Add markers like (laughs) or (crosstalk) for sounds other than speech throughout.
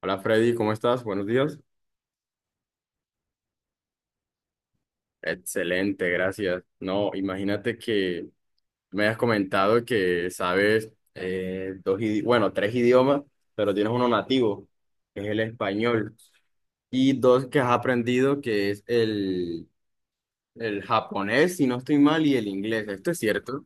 Hola Freddy, ¿cómo estás? Buenos días. Excelente, gracias. No, imagínate que me has comentado que sabes dos, bueno, tres idiomas, pero tienes uno nativo, que es el español, y dos que has aprendido, que es el japonés, si no estoy mal, y el inglés. ¿Esto es cierto?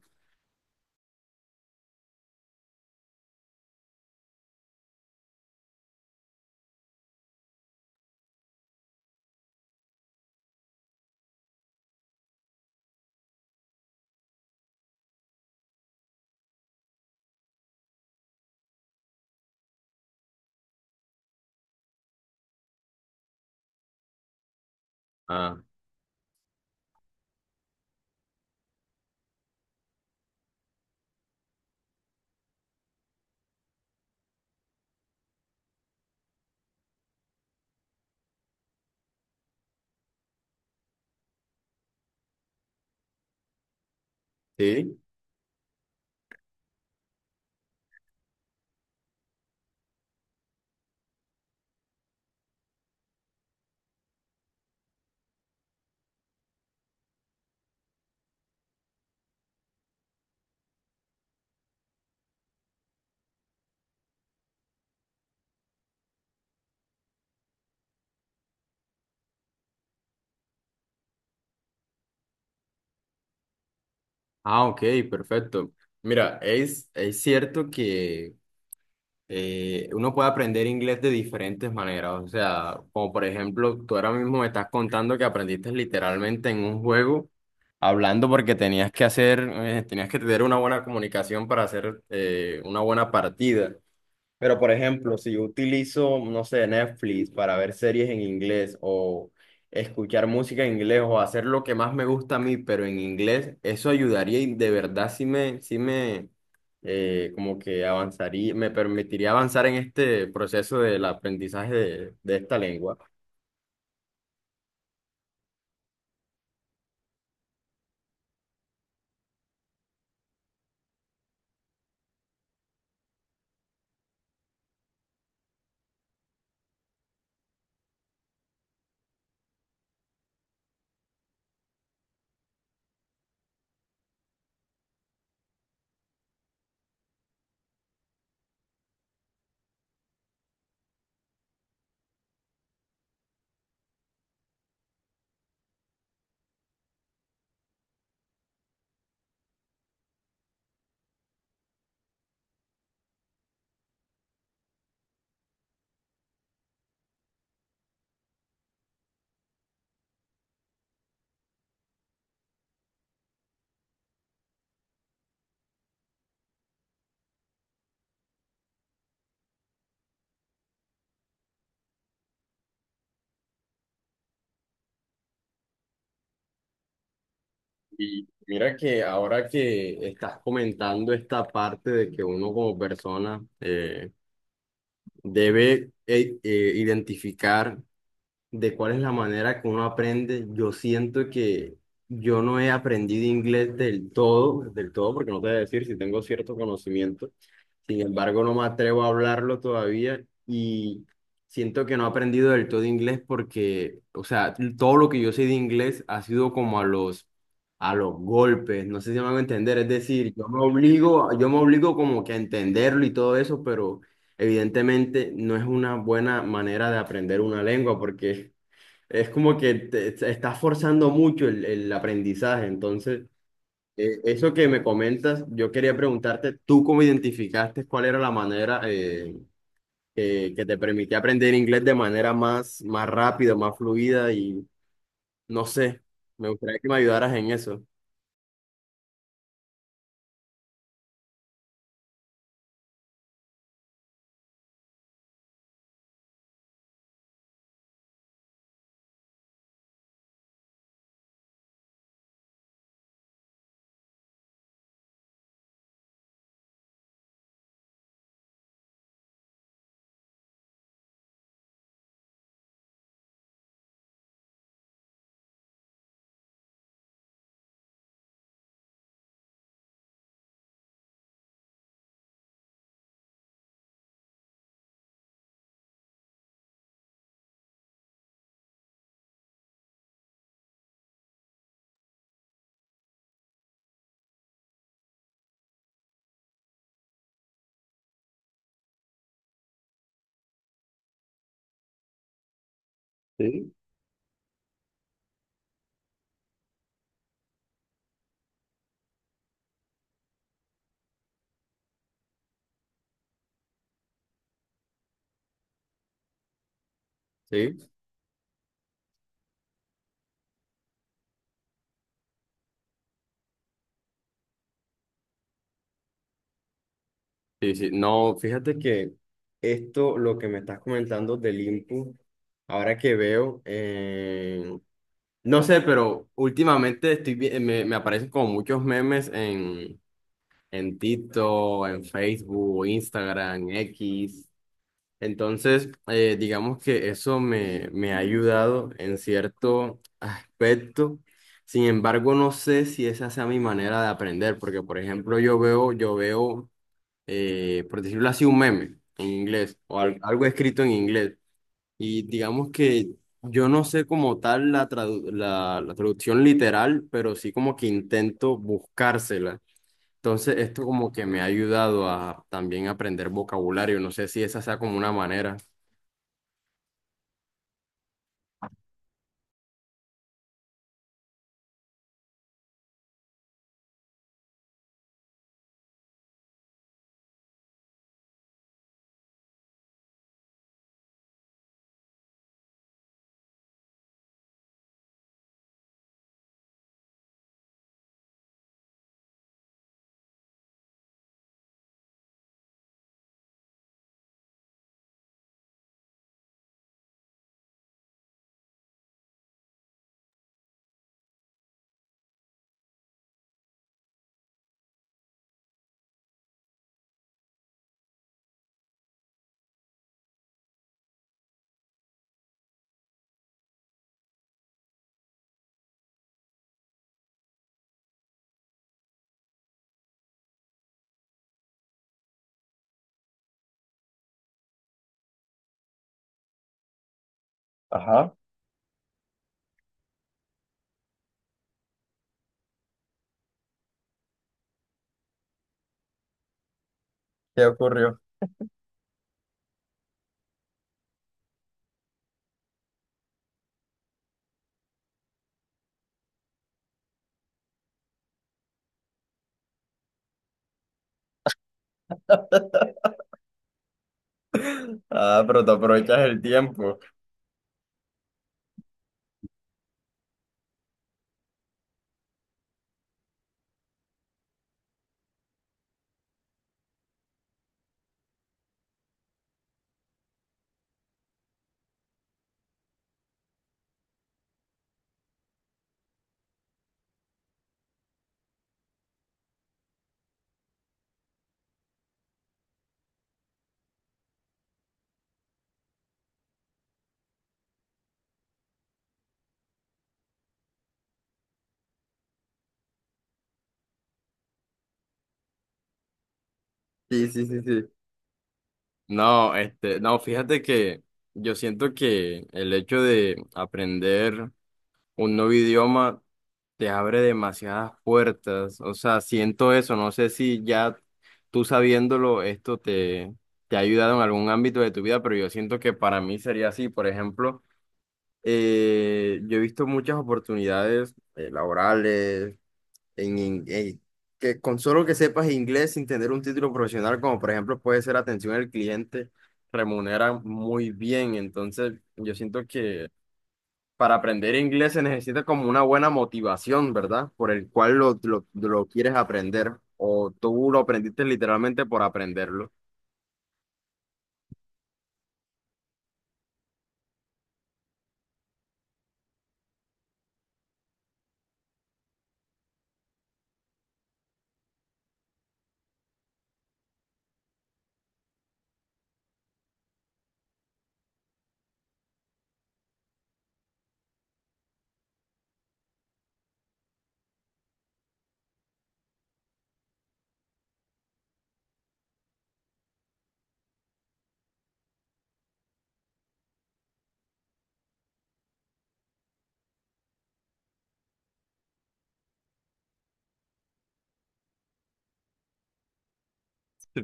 Ah, sí. Ah, ok, perfecto. Mira, es cierto que uno puede aprender inglés de diferentes maneras. O sea, como por ejemplo, tú ahora mismo me estás contando que aprendiste literalmente en un juego, hablando porque tenías que hacer, tenías que tener una buena comunicación para hacer una buena partida. Pero, por ejemplo, si yo utilizo, no sé, Netflix para ver series en inglés o escuchar música en inglés o hacer lo que más me gusta a mí, pero en inglés, eso ayudaría y de verdad sí me como que avanzaría, me permitiría avanzar en este proceso del aprendizaje de esta lengua. Y mira que ahora que estás comentando esta parte de que uno como persona debe identificar de cuál es la manera que uno aprende. Yo siento que yo no he aprendido inglés del todo, porque no te voy a decir si tengo cierto conocimiento. Sin embargo, no me atrevo a hablarlo todavía y siento que no he aprendido del todo inglés porque, o sea, todo lo que yo sé de inglés ha sido como a los golpes, no sé si me van a entender, es decir, yo me obligo como que a entenderlo y todo eso, pero evidentemente no es una buena manera de aprender una lengua porque es como que te estás forzando mucho el aprendizaje. Entonces, eso que me comentas, yo quería preguntarte, ¿tú cómo identificaste cuál era la manera que te permitía aprender inglés de manera más, más rápida, más fluida? Y no sé, me gustaría que me ayudaras en eso. Sí. Sí, sí, sí. No, fíjate que esto, lo que me estás comentando del input, ahora que veo, no sé, pero últimamente me aparecen como muchos memes en TikTok, en Facebook, Instagram, X. Entonces, digamos que eso me ha ayudado en cierto aspecto. Sin embargo, no sé si esa sea mi manera de aprender, porque, por ejemplo, yo veo, por decirlo así, un meme en inglés o algo escrito en inglés. Y digamos que yo no sé como tal la traducción literal, pero sí como que intento buscársela. Entonces esto como que me ha ayudado a también aprender vocabulario. No sé si esa sea como una manera. Ajá, ¿qué ocurrió? Ah, pero te aprovechas el tiempo. Sí, sí, sí, sí. No, este, no, fíjate que yo siento que el hecho de aprender un nuevo idioma te abre demasiadas puertas. O sea, siento eso. No sé si ya tú sabiéndolo, te ha ayudado en algún ámbito de tu vida, pero yo siento que para mí sería así. Por ejemplo, yo he visto muchas oportunidades laborales en que con solo que sepas inglés sin tener un título profesional, como por ejemplo puede ser atención al cliente, remuneran muy bien. Entonces, yo siento que para aprender inglés se necesita como una buena motivación, ¿verdad? Por el cual lo quieres aprender. O tú lo aprendiste literalmente por aprenderlo.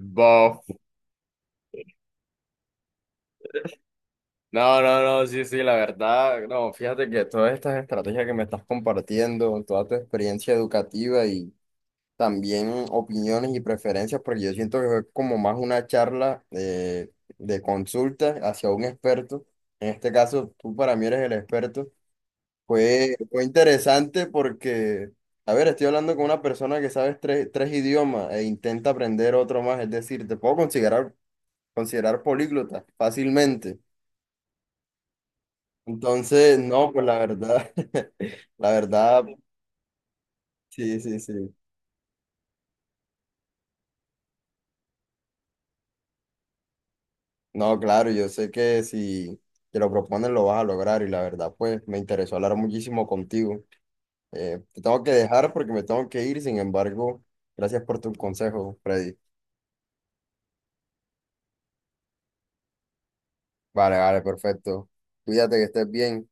Bof. No, no, no, sí, sí, la verdad, no, fíjate que todas estas estrategias que me estás compartiendo, toda tu experiencia educativa y también opiniones y preferencias, porque yo siento que fue como más una charla de consulta hacia un experto. En este caso, tú para mí eres el experto. Fue interesante porque, a ver, estoy hablando con una persona que sabe tres idiomas e intenta aprender otro más, es decir, te puedo considerar, considerar políglota fácilmente. Entonces, no, pues la verdad, (laughs) la verdad, sí, sí, sí. No, claro, yo sé que si te lo propones lo vas a lograr y la verdad, pues me interesó hablar muchísimo contigo. Te tengo que dejar porque me tengo que ir, sin embargo, gracias por tus consejos, Freddy. Vale, vale, perfecto. Cuídate que estés bien.